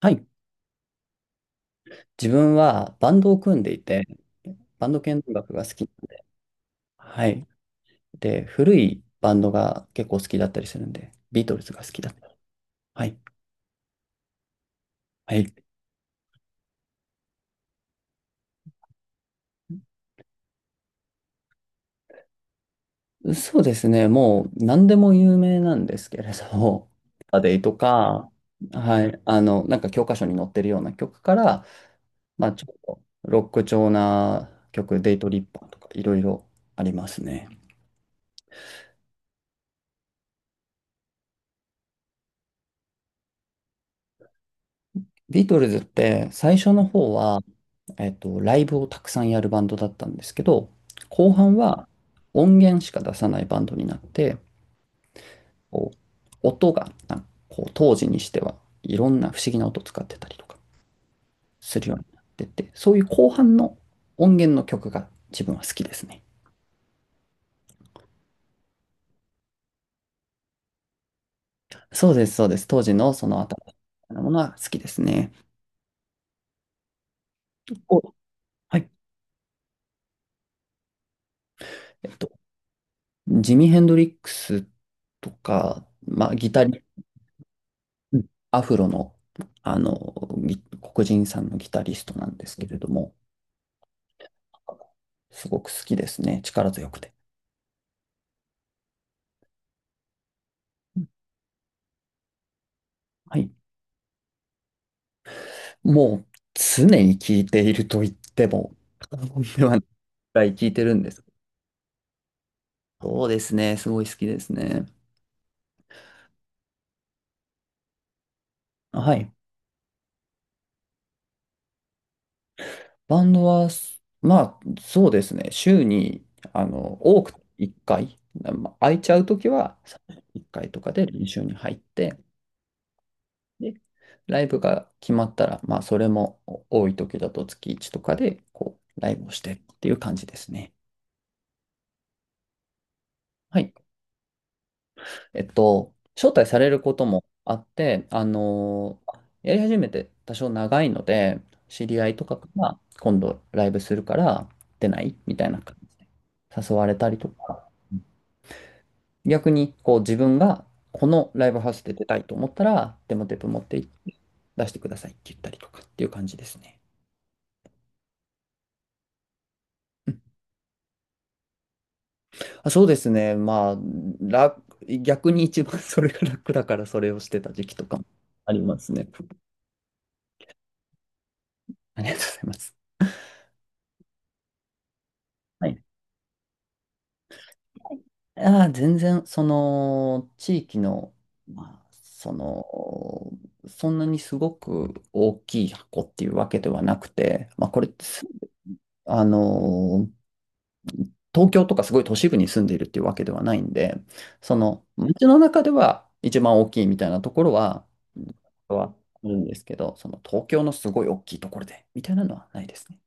はい。自分はバンドを組んでいて、バンド系の音楽が好き。はい。で、古いバンドが結構好きだったりするんで、ビートルズが好きだった。はい。はい。そうですね。もう何でも有名なんですけれど、アデイとか、はい。なんか教科書に載ってるような曲から、まあちょっとロック調な曲、デイトリッパーとかいろいろありますね。ビートルズって最初の方は、ライブをたくさんやるバンドだったんですけど、後半は音源しか出さないバンドになって、こう、音が、なんかこう、当時にしてはいろんな不思議な音を使ってたりとかするようになってって、そういう後半の音源の曲が自分は好きですね。そうです、そうです。当時のその新しいものは好きですね。お、はい。えっと、ジミー・ヘンドリックスとか、まあ、ギタリうんアフロの、あの、黒人さんのギタリストなんですけれども、すごく好きですね。力強くて。はい。もう、常に聴いていると言っても、過言ではないくらい聴いてるんです。そうですね。すごい好きですね。はい。バンドは、まあ、そうですね。週に、多く1回、まあ空いちゃうときは1回とかで練習に入って、で、ライブが決まったら、まあ、それも多い時だと月1とかで、こう、ライブをしてっていう感じですね。はい。招待されることもあって、やり始めて多少長いので、知り合いとかが今度ライブするから出ないみたいな感じで誘われたりとか、逆にこう自分がこのライブハウスで出たいと思ったら、デモテープ持って行って出してくださいって言ったりとかっていう感じですね。うん。あ、そうですね。まあ、楽、逆に一番 それが楽だからそれをしてた時期とかもありますね。ありがとうございます。はい。ああ、全然、その、地域の、まあ、その、そんなにすごく大きい箱っていうわけではなくて、まあ、これってす、あの、東京とかすごい都市部に住んでいるっていうわけではないんで、その街の中では一番大きいみたいなところは、はあるんですけど、その東京のすごい大きいところでみたいなのはないですね。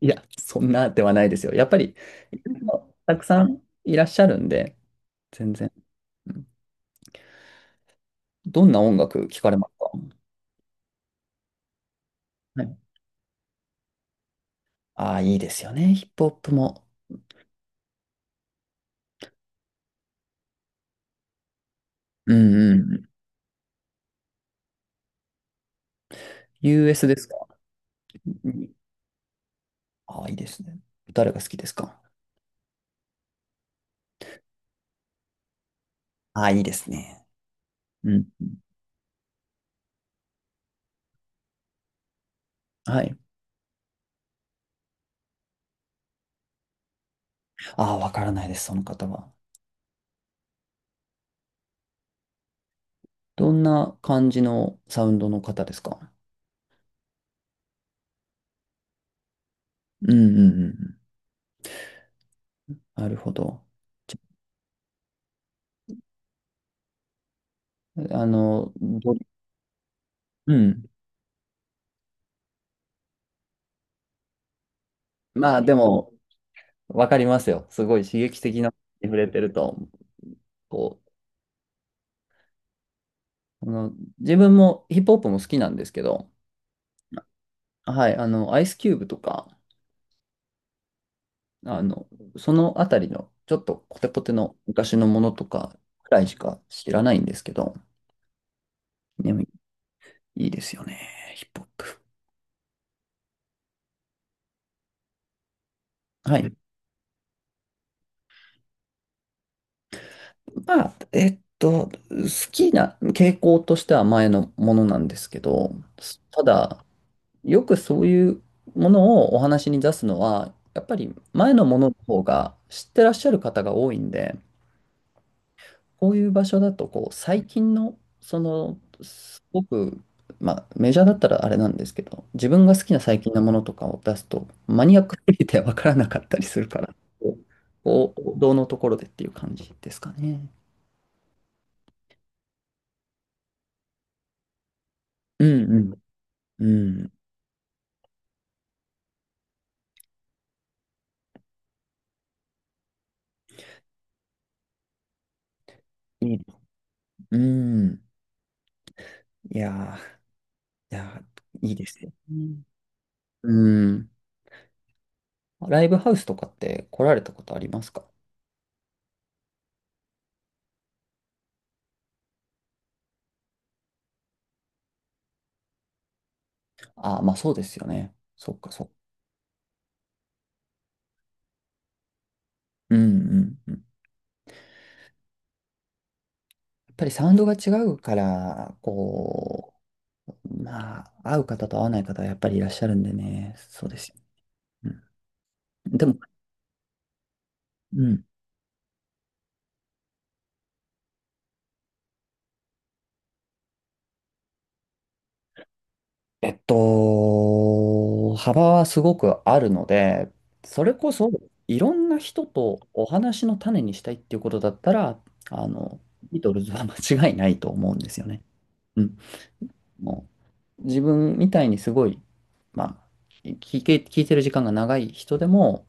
いや、そんなではないですよ。やっぱり、たくさんいらっしゃるんで、全然。うん。どんな音楽聞かれますか？はい。ああ、いいですよね。ヒップホップも。うんうん。US ですか？うん。ああ、いいですね。誰が好きですか？ああ、いいですね。うん。はい。ああ、わからないです、その方は。どんな感じのサウンドの方ですか？うんうんうん。なるほど。ちょあの、どうん。まあでも、わかりますよ。すごい刺激的なに触れてると、こう、自分もヒップホップも好きなんですけど、はい、アイスキューブとか、あの、そのあたりの、ちょっとコテコテの昔のものとかくらいしか知らないんですけど、でもいいですよね、ヒップホップ。はい。まあ、好きな傾向としては前のものなんですけど、ただ、よくそういうものをお話に出すのは、やっぱり前のものの方が知ってらっしゃる方が多いんで、こういう場所だと、こう、最近の、その、すごく、まあ、メジャーだったらあれなんですけど、自分が好きな最近のものとかを出すと、マニアックすぎて分からなかったりするから、こう、王道のところでっていう感じですかね。うんうん。うん。いいです。うん。いやー、いやー、いいですよ。うん、うん。ライブハウスとかって来られたことありますか？ああ、まあそうですよね。そっかそっか。うんうんうん。やっぱりサウンドが違うから、こう、まあ、合う方と合わない方はやっぱりいらっしゃるんでね。そうですよ。うん、でも、うん。幅はすごくあるので、それこそいろんな人とお話の種にしたいっていうことだったら、あの、ビートルズは間違いないと思うんですよね。うん。もう自分みたいにすごい、まあ、聞いてる時間が長い人でも、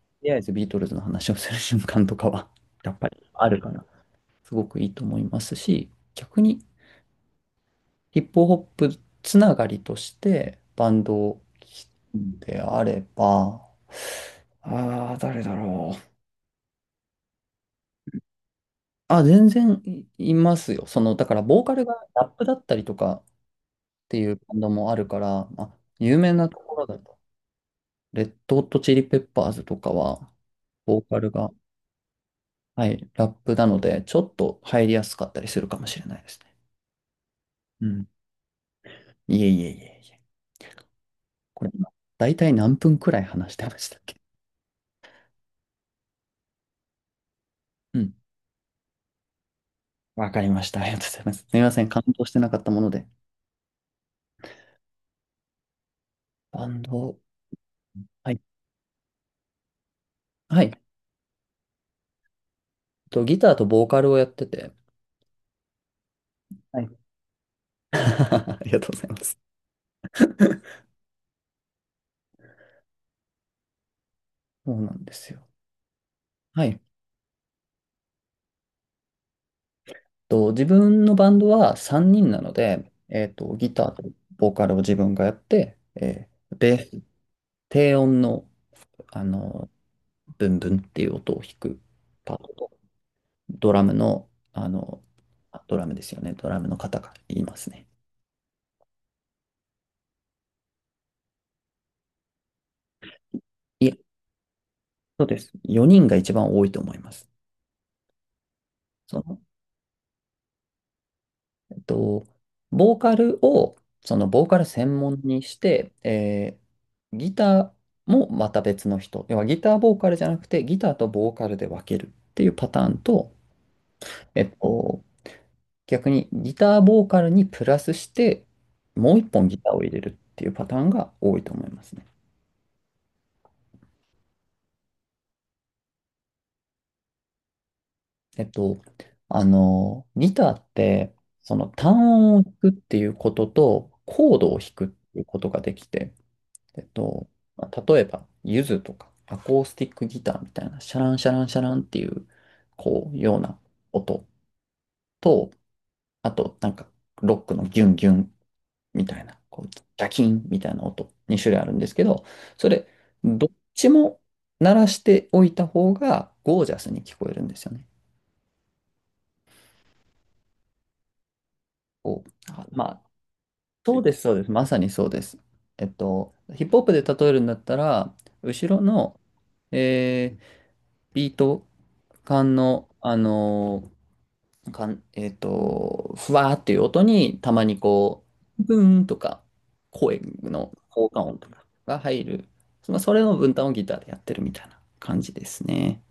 とりあえずビートルズの話をする瞬間とかは、やっぱりあるから、すごくいいと思いますし、逆にヒップホップつながりとしてバンドを聴くであれば、ああ、誰だろう。あ、全然いますよ。その、だから、ボーカルがラップだったりとかっていうバンドもあるから、まあ、有名なところだと、レッドホットチリペッパーズとかは、ボーカルが、はい、ラップなので、ちょっと入りやすかったりするかもしれないですね。うん。いえいえいえいえ。これ今、大体何分くらい話してましたっけ？うん。わかりました。ありがとうございます。すみません。感動してなかったもので。バンド、はい。はい。ギターとボーカルをやってて、はい。ありがとうございます。そうなんですよ。はい。自分のバンドは3人なので、ギターとボーカルを自分がやって、ベース、低音の、あの、ブンブンっていう音を弾くパートと、ドラムの、ドラムですよね。ドラムの方が言いますね。いえ、そうです。4人が一番多いと思います。そのと、ボーカルを、そのボーカル専門にして、ギターもまた別の人。要はギターボーカルじゃなくて、ギターとボーカルで分けるっていうパターンと、えっと、逆にギターボーカルにプラスして、もう一本ギターを入れるっていうパターンが多いと思いますね。えっと、ギターって、その単音を弾くっていうことと、コードを弾くっていうことができて、えっと、まあ、例えば、ユズとかアコースティックギターみたいな、シャランシャランシャランっていう、こう、ような音と、あと、なんか、ロックのギュンギュンみたいな、こう、ジャキンみたいな音、2種類あるんですけど、それ、どっちも鳴らしておいた方が、ゴージャスに聞こえるんですよね。こう、あ、まあ、そうです、そうです。まさにそうです。ヒップホップで例えるんだったら、後ろの、えービート管の、管えっと、ふわーっていう音に、たまにこう、ブーンとか、声の効果音とかが入る。まあ、それの分担をギターでやってるみたいな感じですね。